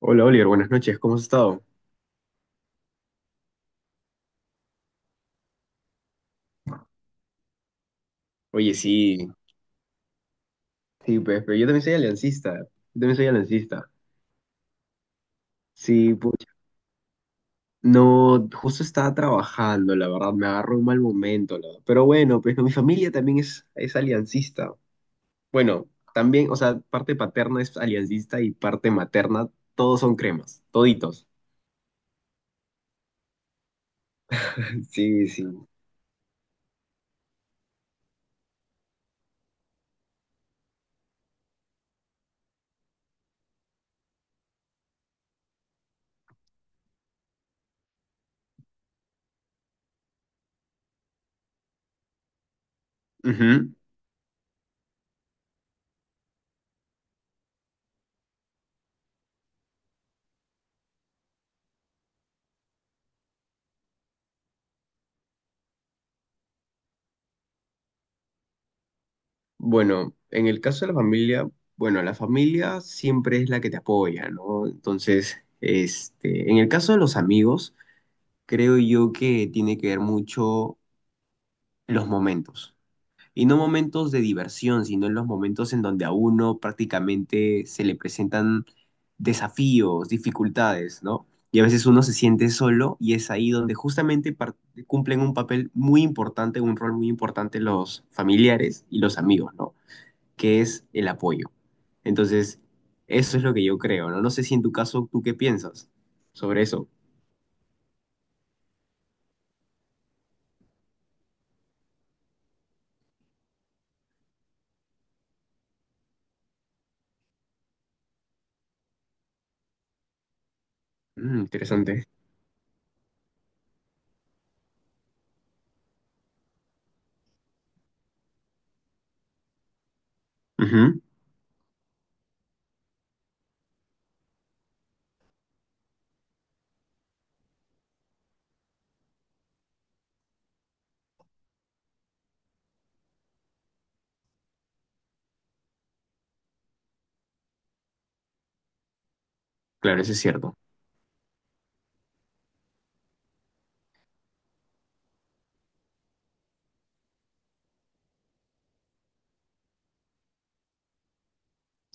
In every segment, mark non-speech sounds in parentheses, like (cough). Hola Oliver, buenas noches, ¿cómo has estado? Oye, sí, sí, pues, pero yo también soy aliancista, yo también soy aliancista. Sí, pucha. No, justo estaba trabajando, la verdad, me agarró un mal momento, la verdad. Pero bueno, pues no, mi familia también es aliancista. Bueno, también, o sea, parte paterna es aliancista y parte materna, todos son cremas, toditos. (laughs) Sí, sí. Ujú. Bueno, en el caso de la familia, bueno, la familia siempre es la que te apoya, ¿no? Entonces, este, en el caso de los amigos, creo yo que tiene que ver mucho los momentos. Y no momentos de diversión, sino en los momentos en donde a uno prácticamente se le presentan desafíos, dificultades, ¿no? Y a veces uno se siente solo y es ahí donde justamente cumplen un papel muy importante, un rol muy importante los familiares y los amigos, ¿no? Que es el apoyo. Entonces, eso es lo que yo creo, ¿no? No sé si en tu caso, ¿tú qué piensas sobre eso? Mm, interesante. Ujú. Claro, eso es cierto.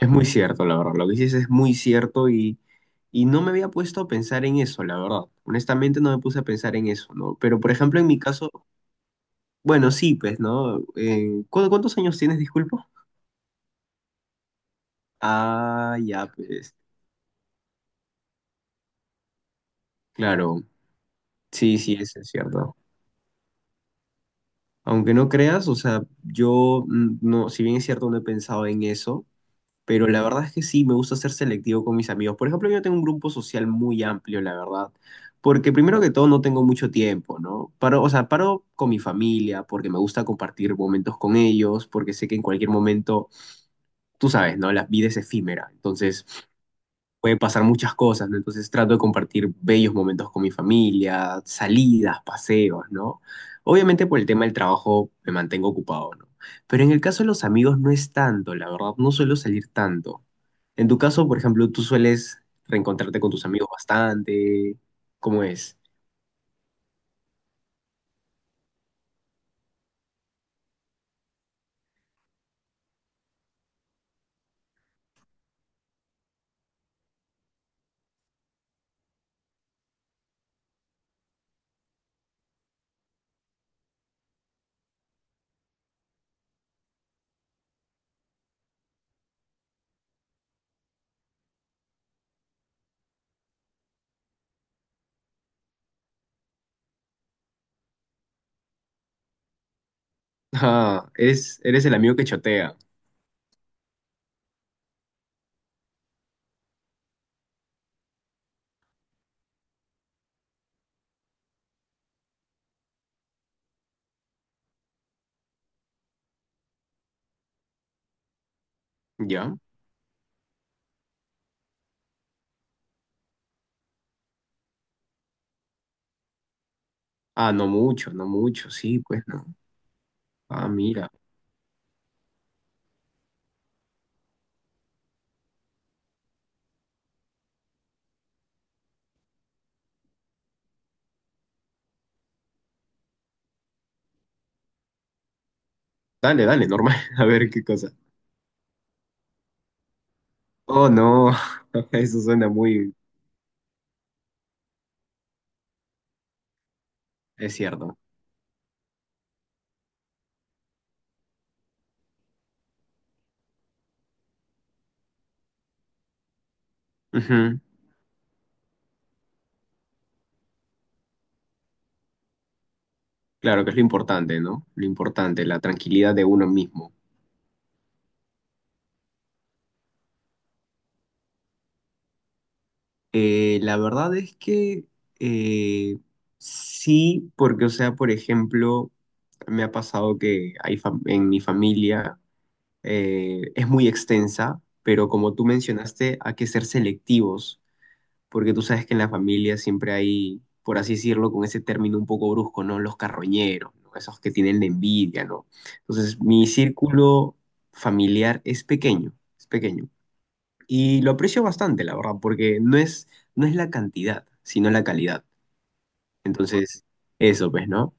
Es muy cierto, la verdad. Lo que dices es muy cierto y no me había puesto a pensar en eso, la verdad. Honestamente, no me puse a pensar en eso, ¿no? Pero, por ejemplo, en mi caso, bueno, sí, pues, ¿no? ¿Cuántos años tienes, disculpa? Ah, ya, pues, claro. Sí, sí, eso es cierto. Aunque no creas, o sea, yo no, si bien es cierto, no he pensado en eso, pero la verdad es que sí, me gusta ser selectivo con mis amigos. Por ejemplo, yo tengo un grupo social muy amplio, la verdad, porque primero que todo no tengo mucho tiempo, ¿no? Paro, o sea, paro con mi familia porque me gusta compartir momentos con ellos, porque sé que en cualquier momento, tú sabes, ¿no? La vida es efímera, entonces puede pasar muchas cosas, ¿no? Entonces trato de compartir bellos momentos con mi familia, salidas, paseos, ¿no? Obviamente por el tema del trabajo me mantengo ocupado, ¿no? Pero en el caso de los amigos no es tanto, la verdad, no suelo salir tanto. En tu caso, por ejemplo, tú sueles reencontrarte con tus amigos bastante, ¿cómo es? (laughs) Ah, eres el amigo que chotea, ¿ya? Ah, no mucho, no mucho, sí, pues no. Ah, mira. Dale, dale, normal. (laughs) A ver qué cosa. Oh, no. (laughs) Eso suena muy. Es cierto. Ujú. Claro que es lo importante, ¿no? Lo importante, la tranquilidad de uno mismo. La verdad es que eh, sí, porque, o sea, por ejemplo, me ha pasado que hay en mi familia es muy extensa, pero como tú mencionaste, hay que ser selectivos. Porque tú sabes que en la familia siempre hay, por así decirlo, con ese término un poco brusco, ¿no? Los carroñeros, ¿no? Esos que tienen la envidia, ¿no? Entonces, mi círculo familiar es pequeño, es pequeño. Y lo aprecio bastante, la verdad, porque no es la cantidad, sino la calidad. Entonces, eso, pues, ¿no?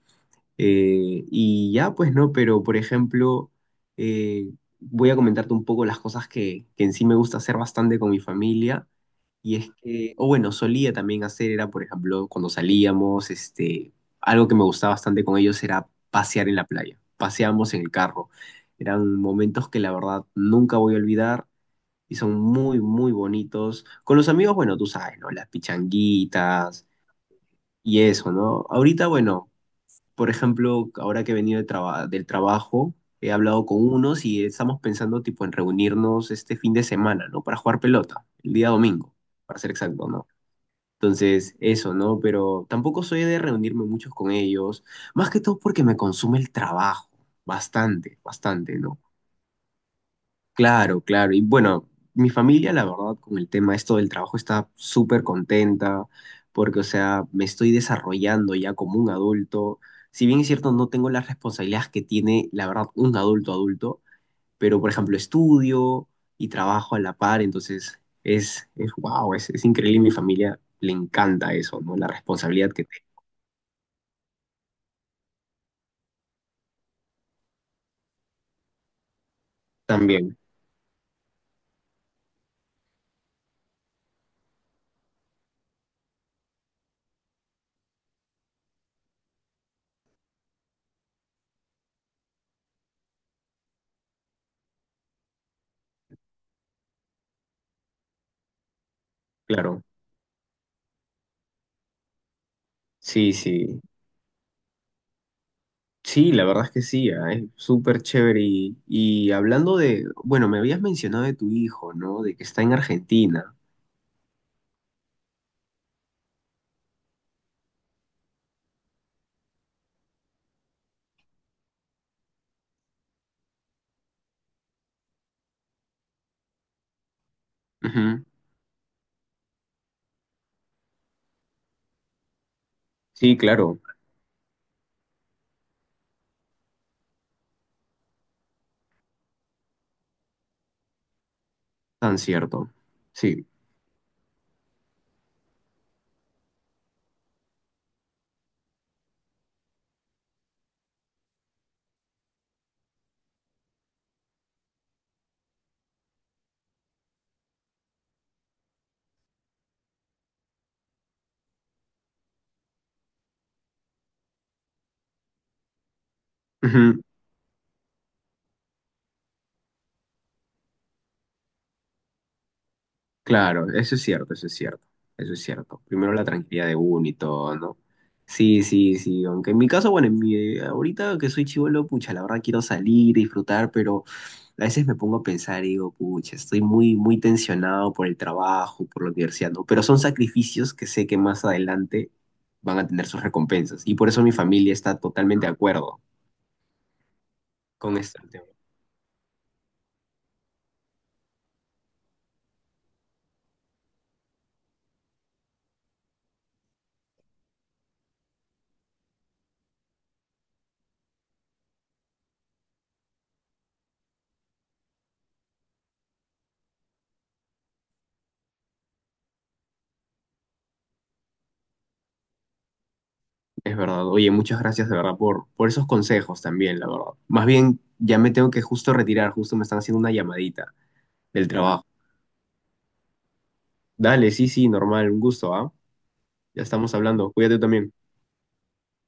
Y ya, pues, ¿no? Pero, por ejemplo, eh, voy a comentarte un poco las cosas que en sí me gusta hacer bastante con mi familia. Y es que, o bueno, solía también hacer, era por ejemplo, cuando salíamos, este, algo que me gustaba bastante con ellos era pasear en la playa. Paseábamos en el carro. Eran momentos que la verdad nunca voy a olvidar y son muy, muy bonitos. Con los amigos, bueno, tú sabes, ¿no? Las pichanguitas y eso, ¿no? Ahorita, bueno, por ejemplo, ahora que he venido de del trabajo, he hablado con unos y estamos pensando tipo en reunirnos este fin de semana, ¿no? Para jugar pelota, el día domingo, para ser exacto, ¿no? Entonces, eso, ¿no? Pero tampoco soy de reunirme muchos con ellos, más que todo porque me consume el trabajo, bastante, bastante, ¿no? Claro, claro. Y bueno, mi familia, la verdad, con el tema esto del trabajo está súper contenta, porque, o sea, me estoy desarrollando ya como un adulto. Si bien es cierto, no tengo las responsabilidades que tiene, la verdad, un adulto adulto, pero por ejemplo estudio y trabajo a la par, entonces es, wow, es increíble. Mi familia le encanta eso, ¿no? La responsabilidad que te también, claro. Sí, sí. Sí, la verdad es que sí, ah, es súper chévere. Y hablando de, bueno, me habías mencionado de tu hijo, ¿no? De que está en Argentina. Ujú. Sí, claro, tan cierto. Sí. Ujú. Claro, eso es cierto, eso es cierto, eso es cierto. Primero la tranquilidad de uno y todo, ¿no? Sí, sí, sí, aunque en mi caso, bueno, ahorita que soy chivolo, pucha, la verdad quiero salir, disfrutar, pero a veces me pongo a pensar y digo, pucha, estoy muy, muy tensionado por el trabajo, por la universidad, ¿no? Pero son sacrificios que sé que más adelante van a tener sus recompensas y por eso mi familia está totalmente de acuerdo con esto. Es verdad. Oye, muchas gracias de verdad por esos consejos también, la verdad. Más bien, ya me tengo que justo retirar, justo me están haciendo una llamadita del trabajo. Dale, sí, sí, normal, un gusto, ¿ah? Ya estamos hablando. Cuídate también.